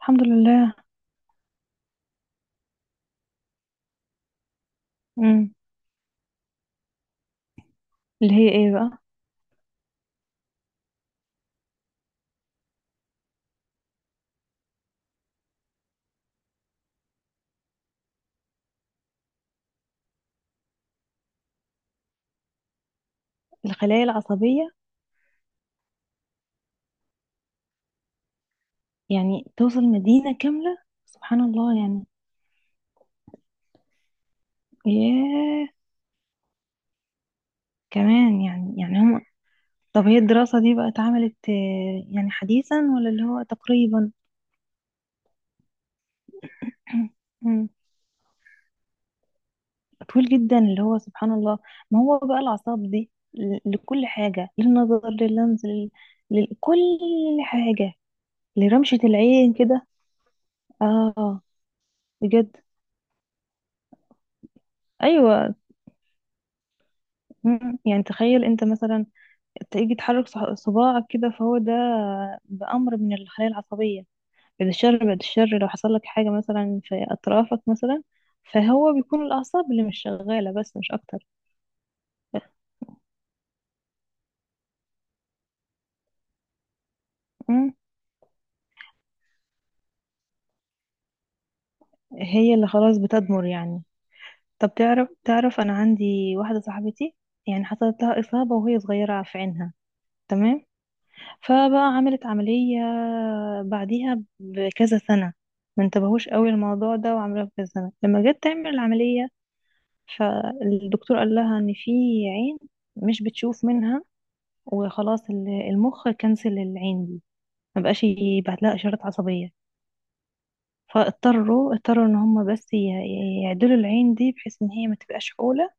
الحمد لله. امم. اللي هي ايه بقى؟ الخلايا العصبية. يعني توصل مدينة كاملة. سبحان الله يعني. ياه. كمان يعني هم. طب هي الدراسة دي بقى اتعملت يعني حديثا ولا اللي هو تقريبا؟ أمم، طويل جدا اللي هو سبحان الله. ما هو بقى الأعصاب دي لكل حاجة، للنظر، لللمس، لل... لكل حاجة، لرمشة العين كده. اه، بجد. ايوه. أمم، يعني تخيل انت مثلا تيجي تحرك صباعك كده فهو ده بأمر من الخلايا العصبية. بعد الشر بعد الشر، لو حصل لك حاجة مثلا في أطرافك مثلا، فهو بيكون الأعصاب اللي مش شغالة بس، مش أكتر. مم. هي اللي خلاص بتدمر يعني. طب تعرف أنا عندي واحدة صاحبتي، يعني حصلت لها إصابة وهي صغيرة في عينها. تمام. فبقى عملت عملية بعديها بكذا سنة، ما انتبهوش قوي الموضوع ده وعملوها بكذا سنة لما جت تعمل العملية. فالدكتور قال لها ان في عين مش بتشوف منها، وخلاص المخ كنسل العين دي، ما بقاش يبعت لها اشارات عصبيه. فاضطروا ان هم بس يعدلوا العين دي بحيث ان هي ما تبقاش حوله،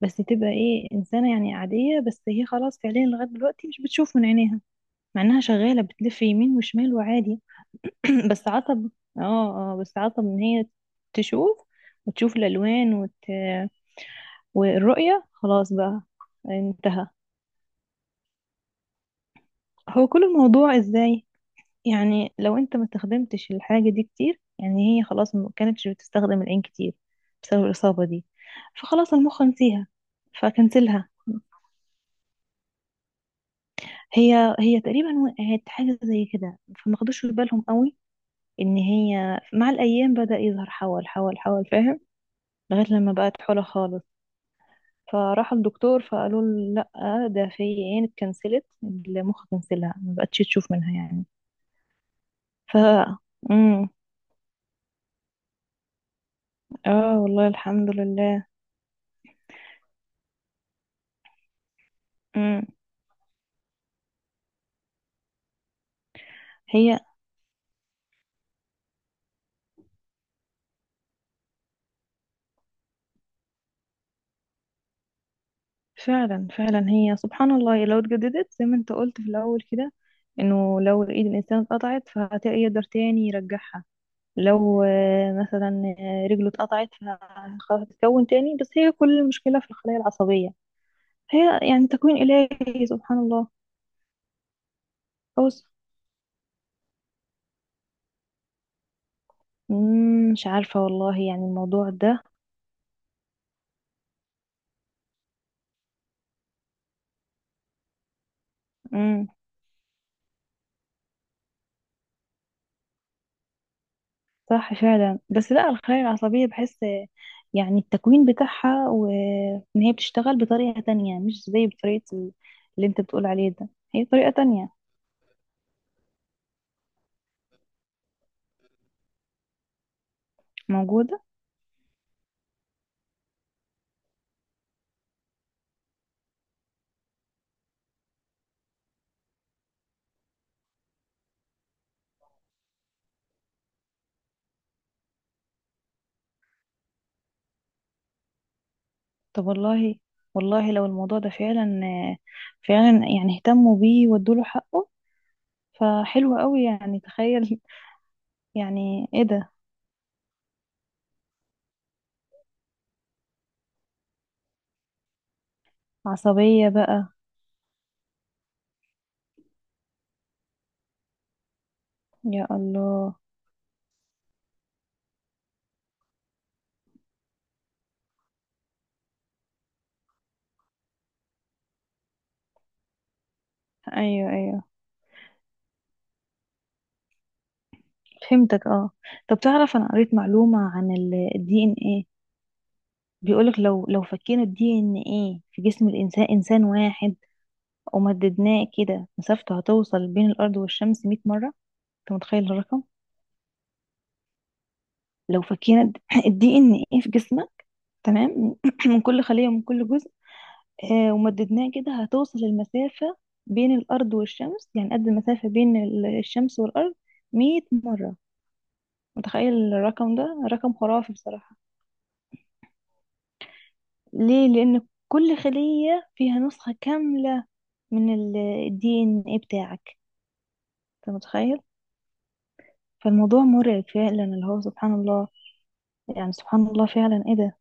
بس تبقى ايه، انسانه يعني عاديه، بس هي خلاص فعليا لغايه دلوقتي مش بتشوف من عينيها، مع انها شغاله بتلف يمين وشمال وعادي. بس عصب. اه. اه بس عصب ان هي تشوف، وتشوف الالوان وت... والرؤيه خلاص بقى، انتهى. هو كل الموضوع ازاي؟ يعني لو انت ما استخدمتش الحاجة دي كتير، يعني هي خلاص ما كانتش بتستخدم العين كتير بسبب الإصابة دي، فخلاص المخ نسيها فكنسلها. هي تقريبا وقعت حاجة زي كده، فما خدوش في بالهم قوي، ان هي مع الأيام بدأ يظهر حول حول حول، فاهم؟ لغاية لما بقت حولة خالص، فراحوا الدكتور فقالوا له لا، ده في عين اتكنسلت، المخ كنسلها ما بقتش تشوف منها يعني. ف... امم اه، والله الحمد لله. امم هي فعلا فعلا، هي سبحان الله، لو اتجددت زي ما انت قلت في الاول كده، انه لو ايد الانسان اتقطعت فهيقدر تاني يرجعها، لو مثلا رجله اتقطعت فهتتكون تاني، بس هي كل المشكلة في الخلايا العصبية. هي يعني تكوين إلهي سبحان الله. بص، مش عارفة والله يعني الموضوع ده. صح فعلا، بس لا الخلايا العصبية بحس يعني التكوين بتاعها، وإن هي بتشتغل بطريقة تانية مش زي بطريقة اللي انت بتقول عليه ده. هي طريقة تانية موجودة. طب والله، والله لو الموضوع ده فعلا فعلا يعني اهتموا بيه وادوله حقه، فحلو قوي يعني. تخيل. يعني ايه ده. عصبية بقى. يا الله. ايوه ايوه، فهمتك اه. طب تعرف انا قريت معلومة عن الدي ان، بيقولك لو فكينا الدي ان ايه في جسم الانسان، انسان واحد، ومددناه كده مسافته هتوصل بين الارض والشمس 100 مره. انت متخيل الرقم؟ لو فكينا الدي ان ايه في جسمك، تمام، من كل خليه ومن كل جزء، ومددناه كده هتوصل المسافه بين الارض والشمس، يعني قد المسافه بين الشمس والارض 100 مره. متخيل الرقم ده؟ رقم خرافي بصراحه. ليه؟ لان كل خليه فيها نسخه كامله من الدي ان ايه بتاعك، انت متخيل؟ فالموضوع مرعب فعلا اللي هو سبحان الله، يعني سبحان الله فعلا ايه ده.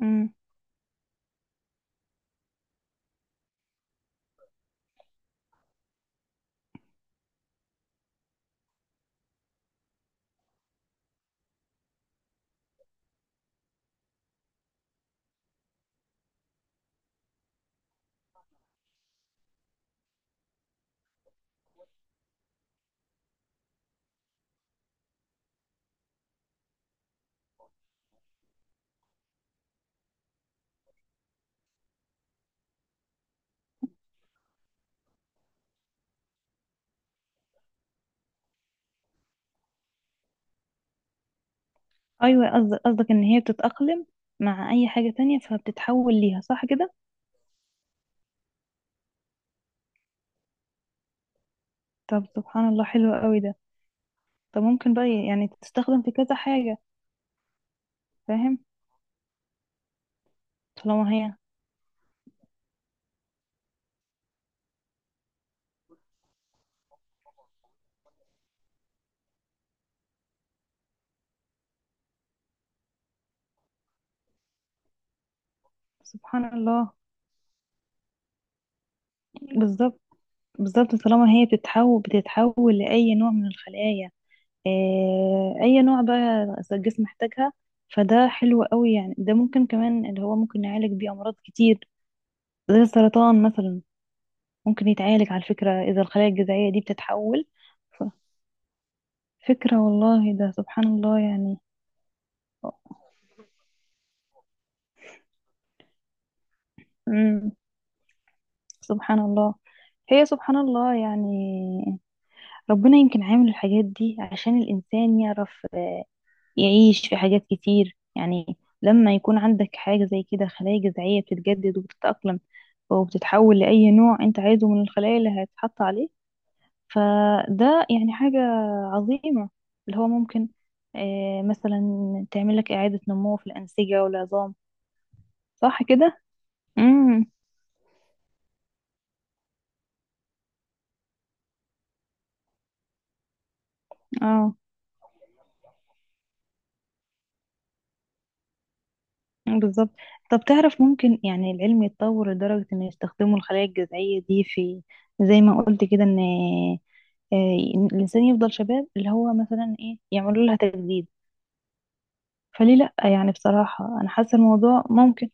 امم، ايوه، قصدك ان هي بتتأقلم مع اي حاجة تانية فبتتحول ليها، صح كده؟ طب سبحان الله، حلو قوي ده. طب ممكن بقى يعني تستخدم في كذا حاجة. فاهم. طالما هي سبحان الله. بالظبط بالظبط، طالما هي بتتحول لأي نوع من الخلايا. أي نوع بقى الجسم محتاجها، فده حلو قوي يعني. ده ممكن كمان اللي هو ممكن نعالج بيه أمراض كتير زي السرطان مثلا، ممكن يتعالج على فكرة، إذا الخلايا الجذعية دي بتتحول. ف... فكرة، والله ده سبحان الله يعني. مم. سبحان الله. هي سبحان الله يعني، ربنا يمكن عامل الحاجات دي عشان الإنسان يعرف يعيش في حاجات كتير، يعني لما يكون عندك حاجة زي كده، خلايا جذعية بتتجدد وبتتأقلم وبتتحول لأي نوع أنت عايزه من الخلايا اللي هيتحط عليه، فده يعني حاجة عظيمة، اللي هو ممكن مثلا تعمل لك إعادة نمو في الأنسجة والعظام. صح كده؟ امم، اه، بالظبط. طب تعرف ممكن يعني العلم يتطور لدرجة إنه يستخدموا الخلايا الجذعية دي في، زي ما قلت كده، إن آه، إن الإنسان يفضل شباب، اللي هو مثلا إيه يعملوا لها تجديد. فليه لأ؟ يعني بصراحة أنا حاسة الموضوع ممكن.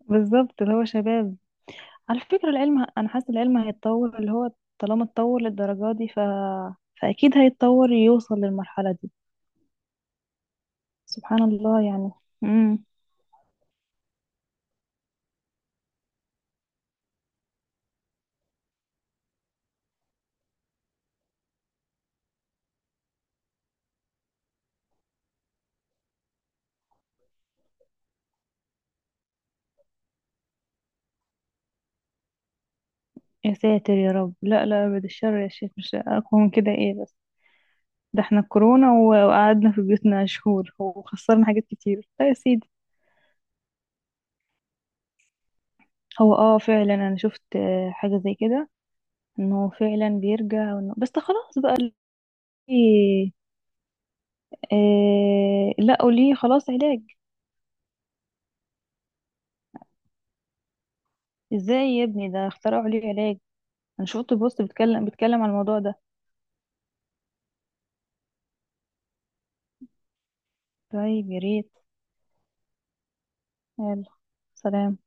بالظبط، اللي هو شباب. على فكرة، العلم أنا حاسة العلم هيتطور اللي هو، طالما اتطور للدرجة دي ف... فأكيد هيتطور يوصل للمرحلة دي. سبحان الله يعني. امم يا ساتر يا رب، لا لا، أبد الشر يا شيخ، مش أقوى من كده إيه بس. ده احنا كورونا وقعدنا في بيوتنا شهور وخسرنا حاجات كتير، لا يا سيدي. هو فعلا أنا شفت حاجة زي كده، انه فعلا بيرجع وإنه... بس ده خلاص بقى. ليه؟ لقوا ليه خلاص علاج. ازاي يا ابني ده اخترعوا ليه علاج؟ انا شفت بوست بتكلم على الموضوع ده. طيب يا ريت. يلا. سلام.